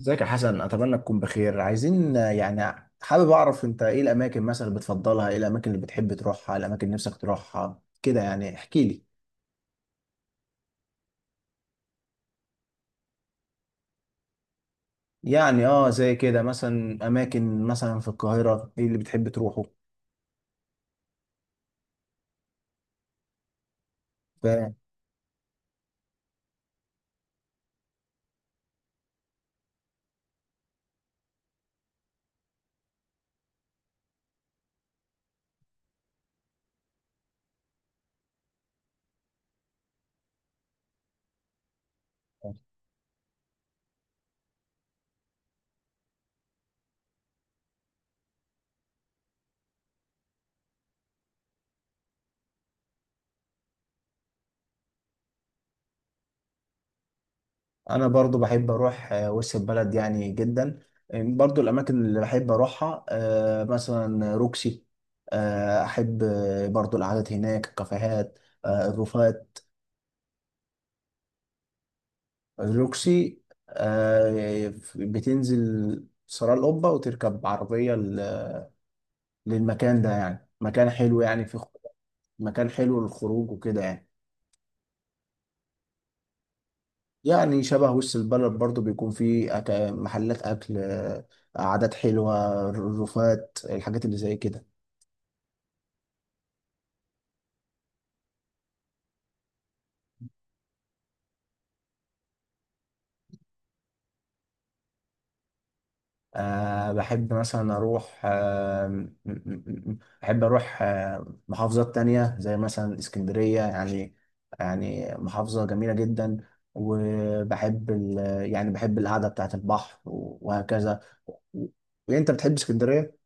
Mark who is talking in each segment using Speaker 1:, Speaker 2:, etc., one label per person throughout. Speaker 1: ازيك يا حسن، اتمنى تكون بخير. عايزين يعني حابب اعرف انت ايه الاماكن مثلا اللي بتفضلها، ايه الاماكن اللي بتحب تروحها، الاماكن اللي نفسك تروحها كده. يعني احكي لي. يعني زي كده مثلا اماكن مثلا في القاهرة، ايه اللي بتحب تروحه؟ فانا برضو بحب اروح وسط البلد يعني جدا. برضو الاماكن اللي بحب اروحها، مثلا روكسي. احب برضو القعدات هناك، الكافيهات، الروفات. روكسي، بتنزل سراء القبة وتركب عربية للمكان ده. يعني مكان حلو، يعني مكان حلو للخروج وكده يعني. يعني شبه وسط البلد برضو، بيكون فيه محلات أكل، قعدات حلوة، رفات، الحاجات اللي زي كده. بحب مثلا أروح آه، م- م- م- بحب أروح آه، محافظات تانية زي مثلا اسكندرية. يعني يعني محافظة جميلة جدا. وبحب يعني بحب القعدة بتاعة البحر وهكذا. و- وأنت بتحب اسكندرية؟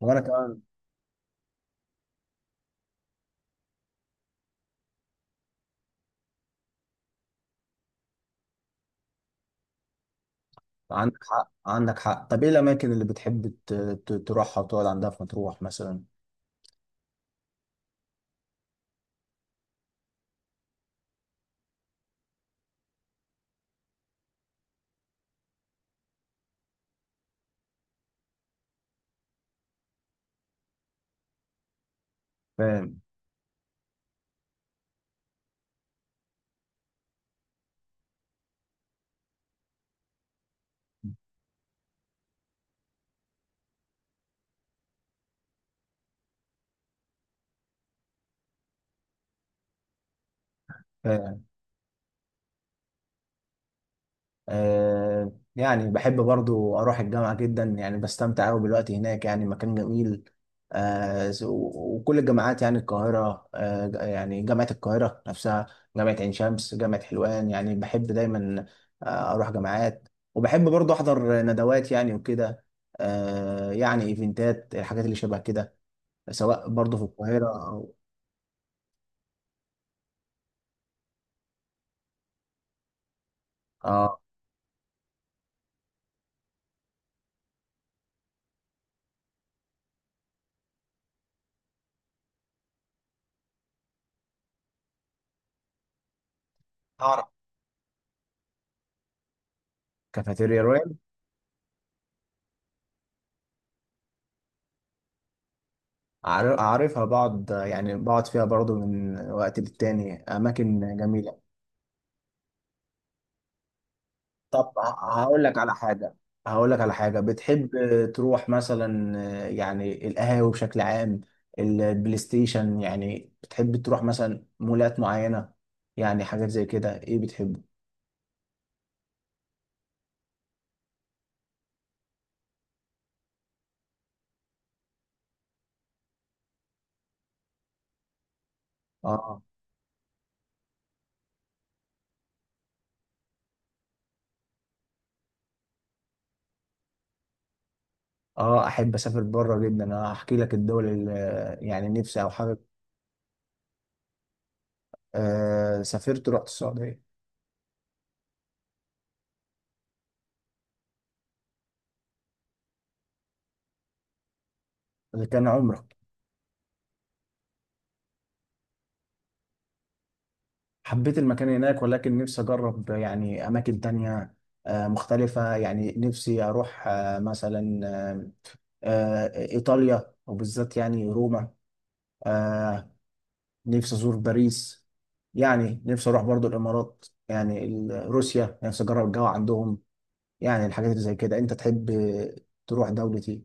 Speaker 1: وأنا كمان. عندك حق عندك حق. طب إيه الأماكن اللي بتحب تروحها وتقعد عندها في مطروح مثلا؟ فاهم. فاهم. يعني بحب برضو أروح الجامعة جدا، يعني بستمتع أوي بالوقت هناك، يعني مكان جميل. وكل الجامعات يعني القاهرة، يعني جامعة القاهرة نفسها، جامعة عين شمس، جامعة حلوان. يعني بحب دايما أروح جامعات. وبحب برضو أحضر ندوات يعني وكده، يعني إيفنتات، الحاجات اللي شبه كده، سواء برضو في القاهرة أو. آه، أعرف كافيتيريا. عارفها بعض، يعني بقعد فيها برضو من وقت للتاني، أماكن جميلة. طب هقول لك على حاجة بتحب تروح مثلا. يعني القهاوي بشكل عام، البلاي ستيشن، يعني بتحب تروح مثلا مولات معينة، يعني حاجات زي كده، إيه بتحبه؟ آه. أحب أسافر بره جدا. أنا هحكي لك الدول اللي يعني نفسي أو حاجة. سافرت، رحت السعودية. ده كان عمرة. حبيت المكان هناك، ولكن نفسي أجرب يعني أماكن تانية مختلفة. يعني نفسي أروح مثلا إيطاليا، وبالذات يعني روما. آه، نفسي أزور باريس. يعني نفسي أروح برضو الإمارات، يعني روسيا، نفسي أجرب الجو عندهم. يعني الحاجات اللي زي كده. أنت تحب تروح دولة إيه؟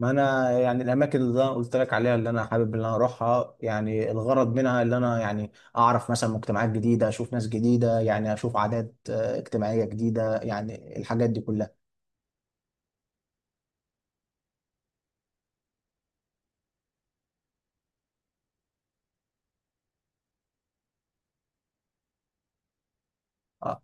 Speaker 1: ما انا يعني الاماكن اللي انا قلت لك عليها، اللي انا حابب ان انا اروحها، يعني الغرض منها اللي انا يعني اعرف مثلا مجتمعات جديده، اشوف ناس جديده، يعني اشوف عادات اجتماعيه جديده، يعني الحاجات دي كلها. اه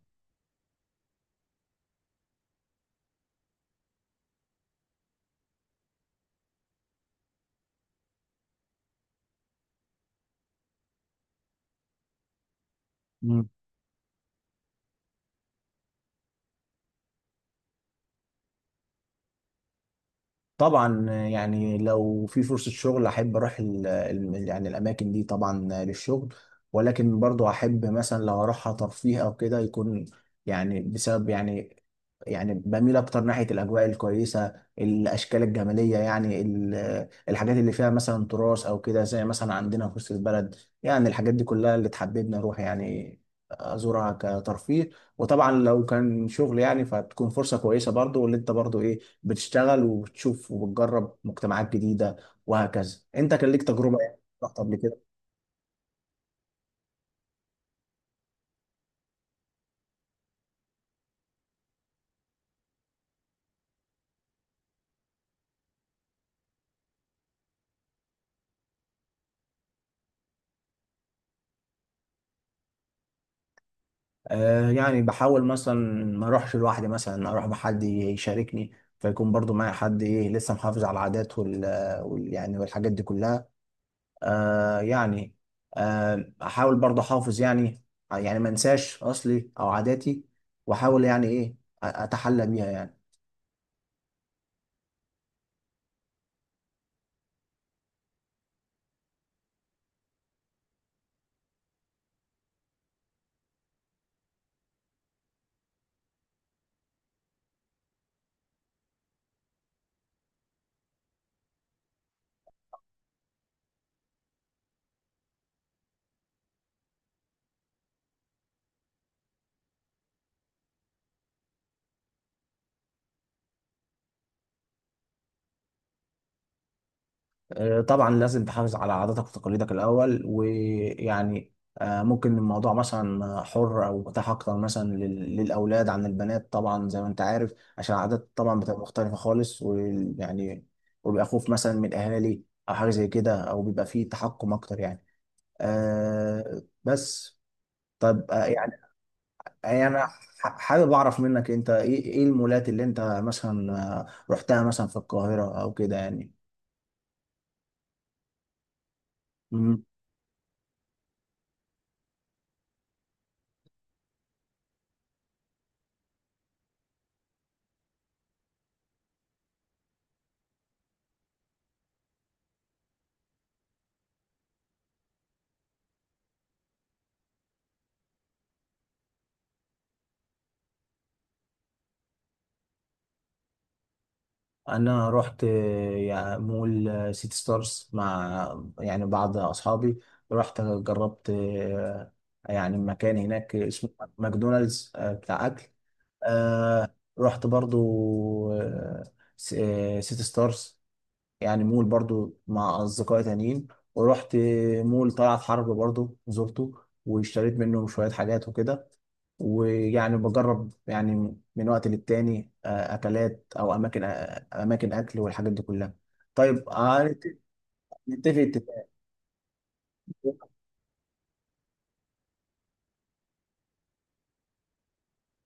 Speaker 1: طبعا يعني لو في فرصة شغل أحب أروح يعني الأماكن دي طبعا للشغل. ولكن برضو أحب مثلا لو أروحها ترفيه أو كده، يكون يعني بسبب يعني، يعني بميل أكتر ناحية الأجواء الكويسة، الأشكال الجمالية، يعني الحاجات اللي فيها مثلا تراث أو كده زي مثلا عندنا في وسط البلد. يعني الحاجات دي كلها اللي تحببني أروح، يعني أزورها كترفيه. وطبعا لو كان شغل يعني فتكون فرصة كويسة برضو، واللي أنت برضو إيه، بتشتغل وبتشوف وبتجرب مجتمعات جديدة وهكذا. انت كان ليك تجربة يعني رحت قبل كده؟ يعني بحاول مثلا ما اروحش لوحدي، مثلا اروح بحد يشاركني، فيكون برضو معايا حد ايه لسه محافظ على العادات وال, وال يعني والحاجات دي كلها. يعني. احاول برضو احافظ يعني، يعني ما انساش اصلي او عاداتي، واحاول يعني ايه اتحلى بيها يعني. طبعا لازم تحافظ على عاداتك وتقاليدك الأول، ويعني ممكن الموضوع مثلا حر أو متاح أكتر مثلا للأولاد عن البنات، طبعا زي ما أنت عارف عشان العادات طبعا بتبقى مختلفة خالص. ويعني وبيبقى خوف مثلا من الأهالي أو حاجة زي كده، أو بيبقى فيه تحكم أكتر يعني بس. طب يعني، يعني أنا حابب أعرف منك أنت إيه المولات اللي أنت مثلا آه، رحتها مثلا في القاهرة أو كده يعني. انا رحت يعني مول سيتي ستارز مع يعني بعض اصحابي. رحت جربت يعني مكان هناك اسمه ماكدونالدز بتاع اكل. رحت برضو آه، سيتي ستارز، يعني مول برضو مع اصدقائي تانيين. ورحت مول طلعت حرب برضو، زرته واشتريت منه شوية حاجات وكده. ويعني بجرب يعني من وقت للتاني اكلات او اماكن، اماكن اكل والحاجات دي كلها. طيب نتفق اتفاق.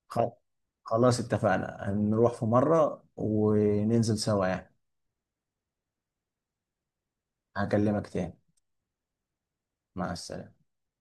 Speaker 1: خ- خلاص اتفقنا، هنروح في مرة وننزل سوا يعني. هكلمك تاني. مع السلامة.